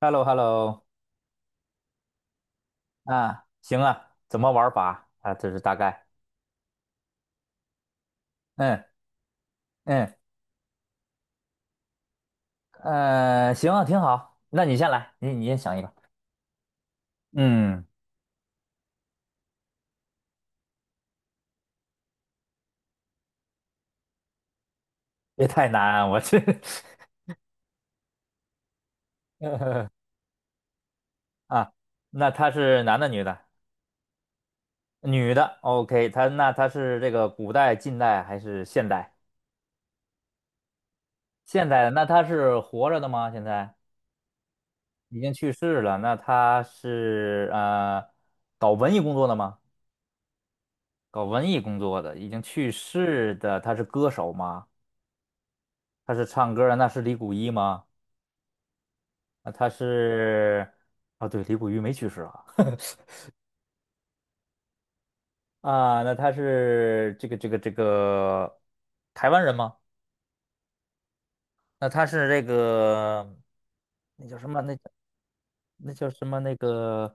h e l l o h e l l o。 啊，行啊，怎么玩法啊？这是大概。嗯嗯。行啊，挺好。那你先来，你先想一个。嗯，别太难，我这。 啊，那他是男的女的？女的，OK，那他是这个古代、近代还是现代？现代的，那他是活着的吗？现在已经去世了。那他是搞文艺工作的吗？搞文艺工作的，已经去世的，他是歌手吗？他是唱歌的，那是李谷一吗？那他是啊，对，李谷一没去世啊。啊，那他是这个台湾人吗？那他是这个那叫什么？那叫什么？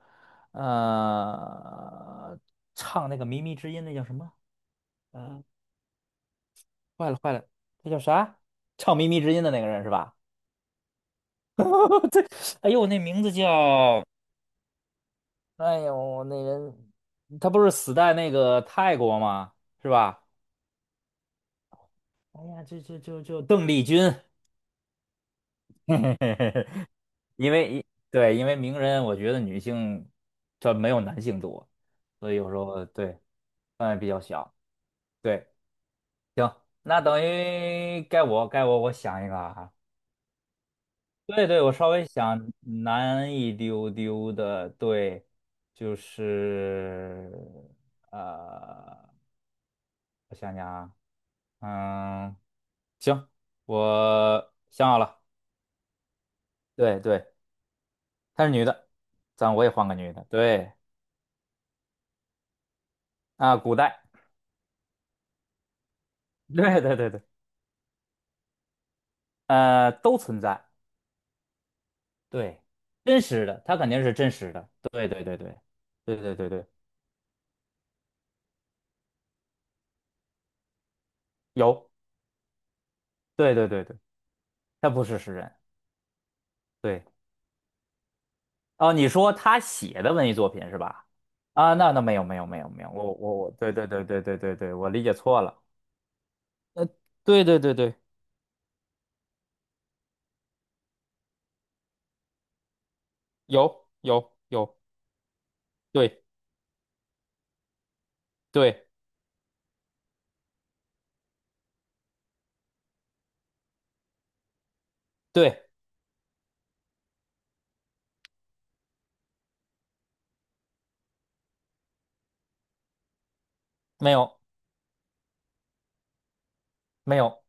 呃，唱那个《靡靡之音》那叫什么？呃，坏了坏了，那叫啥？唱《靡靡之音》的那个人是吧？对，哎呦，那名字叫。哎呦，那人他不是死在那个泰国吗？是吧？哎呀，这就邓丽君。嘿嘿嘿嘿。因为对，因为名人，我觉得女性这没有男性多，所以有时候，对，范围比较小。对，行，那等于该我想一个啊。对对，我稍微想难一丢丢的，对，就是呃，我想想啊，嗯，行，我想好了。对对，她是女的，我也换个女的，对啊，古代，对对对对，都存在，对，真实的，她肯定是真实的，对对对对对对对对。有，对对对对，她不是诗人。对。哦，你说他写的文艺作品是吧？啊，那没有没有没有没有，我我我，对对对对对对对，我理解错了。呃，对对对对。有有有，对对对，没有没有，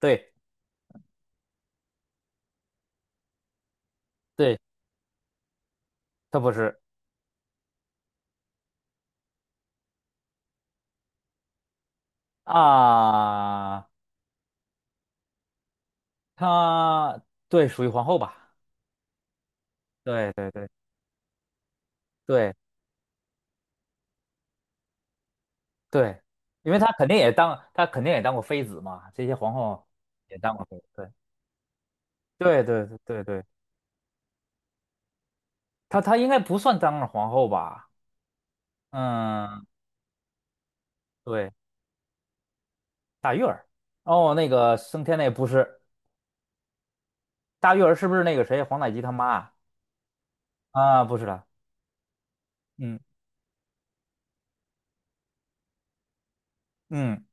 对对。他不是啊，他，对，属于皇后吧？对对对对对，因为他肯定也当过妃子嘛，这些皇后也当过妃子，对对对对对对。他应该不算当了皇后吧？嗯，对，大玉儿。哦，那个升天那不是大玉儿，是不是那个谁黄太极他妈啊？啊，不是的。嗯嗯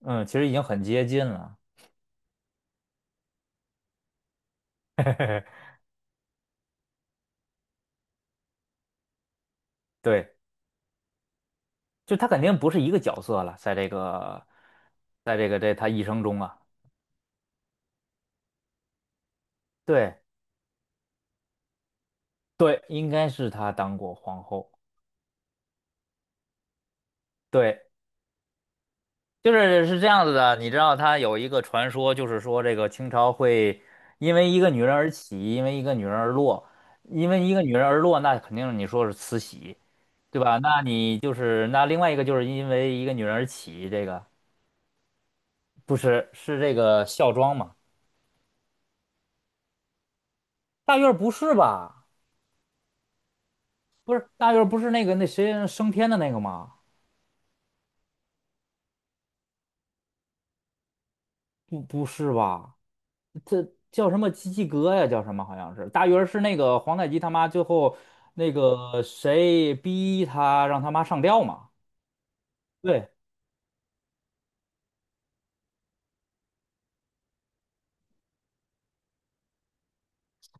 嗯，其实已经很接近了。嘿嘿，对，就她肯定不是一个角色了，在这个这他一生中啊，对对，应该是他当过皇后。对，就是这样子的，你知道他有一个传说，就是说这个清朝会因为一个女人而起，因为一个女人而落，因为一个女人而落，那肯定你说是慈禧。对吧？那你就是那另外一个就是因为一个女人而起，这个不是这个孝庄嘛？大院儿不是吧？不是大院儿，不是那个那谁升天的那个吗？不是吧？这叫什么基基哥呀？叫什么？好像是大院儿是那个皇太极他妈最后那个谁逼他让他妈上吊嘛？对，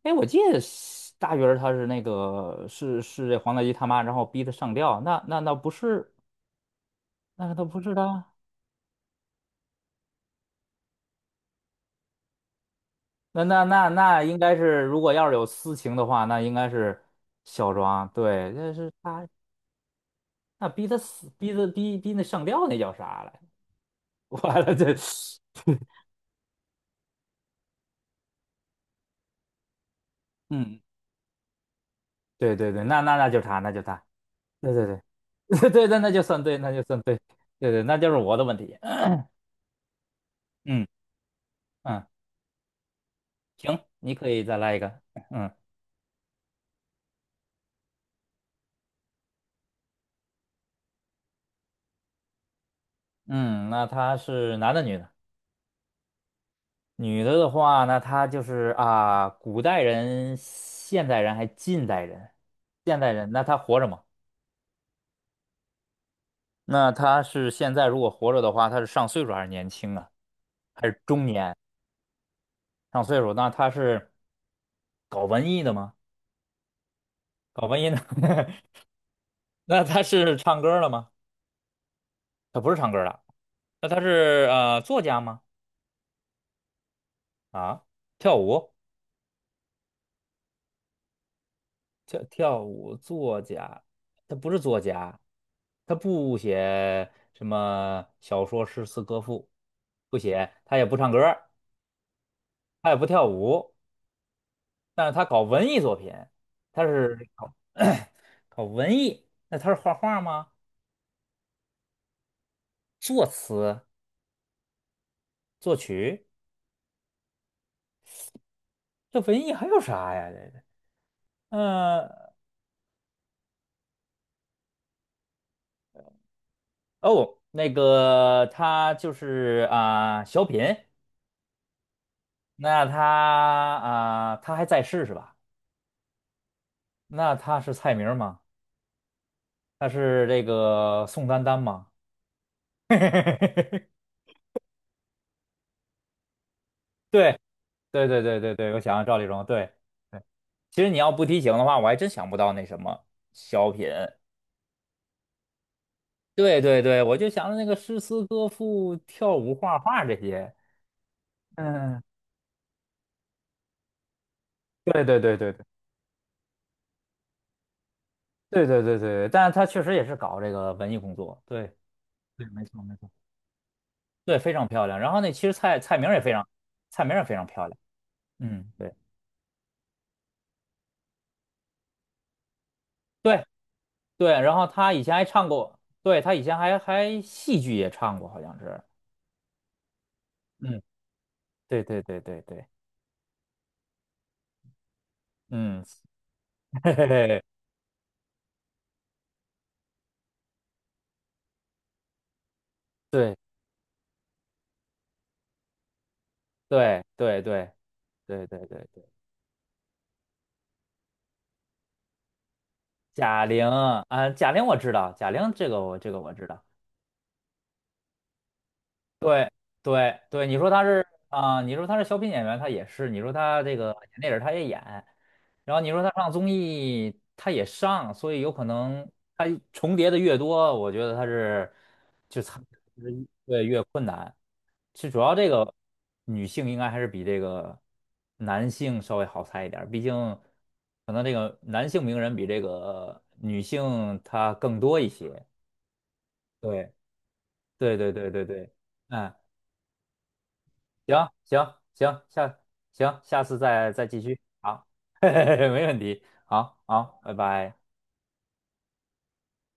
哎，我记得是大鱼儿他是那个是这皇太极他妈，然后逼他上吊，那不是那个，他不是他。那应该是，如果要是有私情的话，那应该是小庄。对，那是他，那逼他死，逼他，逼那上吊那叫啥来？完了，这，嗯，对对对，那就是他，那就是他，对对对， 对，那就算对，那就算对，对对，那就是我的问题。嗯嗯，行，你可以再来一个。嗯嗯，那他是男的女的？女的的话，那他就是啊，古代人、现代人还近代人，现代人，那他活着吗？那他是现在如果活着的话，他是上岁数还是年轻啊？还是中年？上岁数，那他是搞文艺的吗？搞文艺的。那他是唱歌的吗？他不是唱歌的，那他是作家吗？啊，跳舞，跳跳舞作家，他不是作家，他不写什么小说、诗词歌赋，不写，他也不唱歌，他也不跳舞，但是他搞文艺作品，他是搞。搞文艺，那他是画画吗？作词、作曲，这文艺还有啥呀？呃，哦，那个他就是啊、小品，那他啊、他还在世是吧？那他是蔡明吗？他是这个宋丹丹吗？对对对对对对，我想想赵丽蓉，对对，其实你要不提醒的话，我还真想不到那什么小品。对对对，我就想着那个诗词歌赋、跳舞、画画这些。嗯，对对对对对对对对对，但是他确实也是搞这个文艺工作。对对，没错没错。对，非常漂亮。然后那其实蔡明儿也非常，蔡明儿也非常漂亮。嗯，对对对。然后他以前还唱过，对他以前还戏剧也唱过，好像是。嗯，对对对对对，嗯，嘿嘿嘿，对对对对对对对对。贾玲啊，贾玲我知道，贾玲这个我知道，对对对，你说他是啊、你说他是小品演员，他也是；你说他这个演电影，他也演；然后你说他上综艺，他也上，所以有可能他重叠的越多，我觉得他是就他对越困难。其实主要这个女性应该还是比这个男性稍微好猜一点儿毕竟可能这个男性名人比这个女性她更多一些。对对对对对对，嗯。行行行，行下次再继续，好，没问题，好好，拜拜。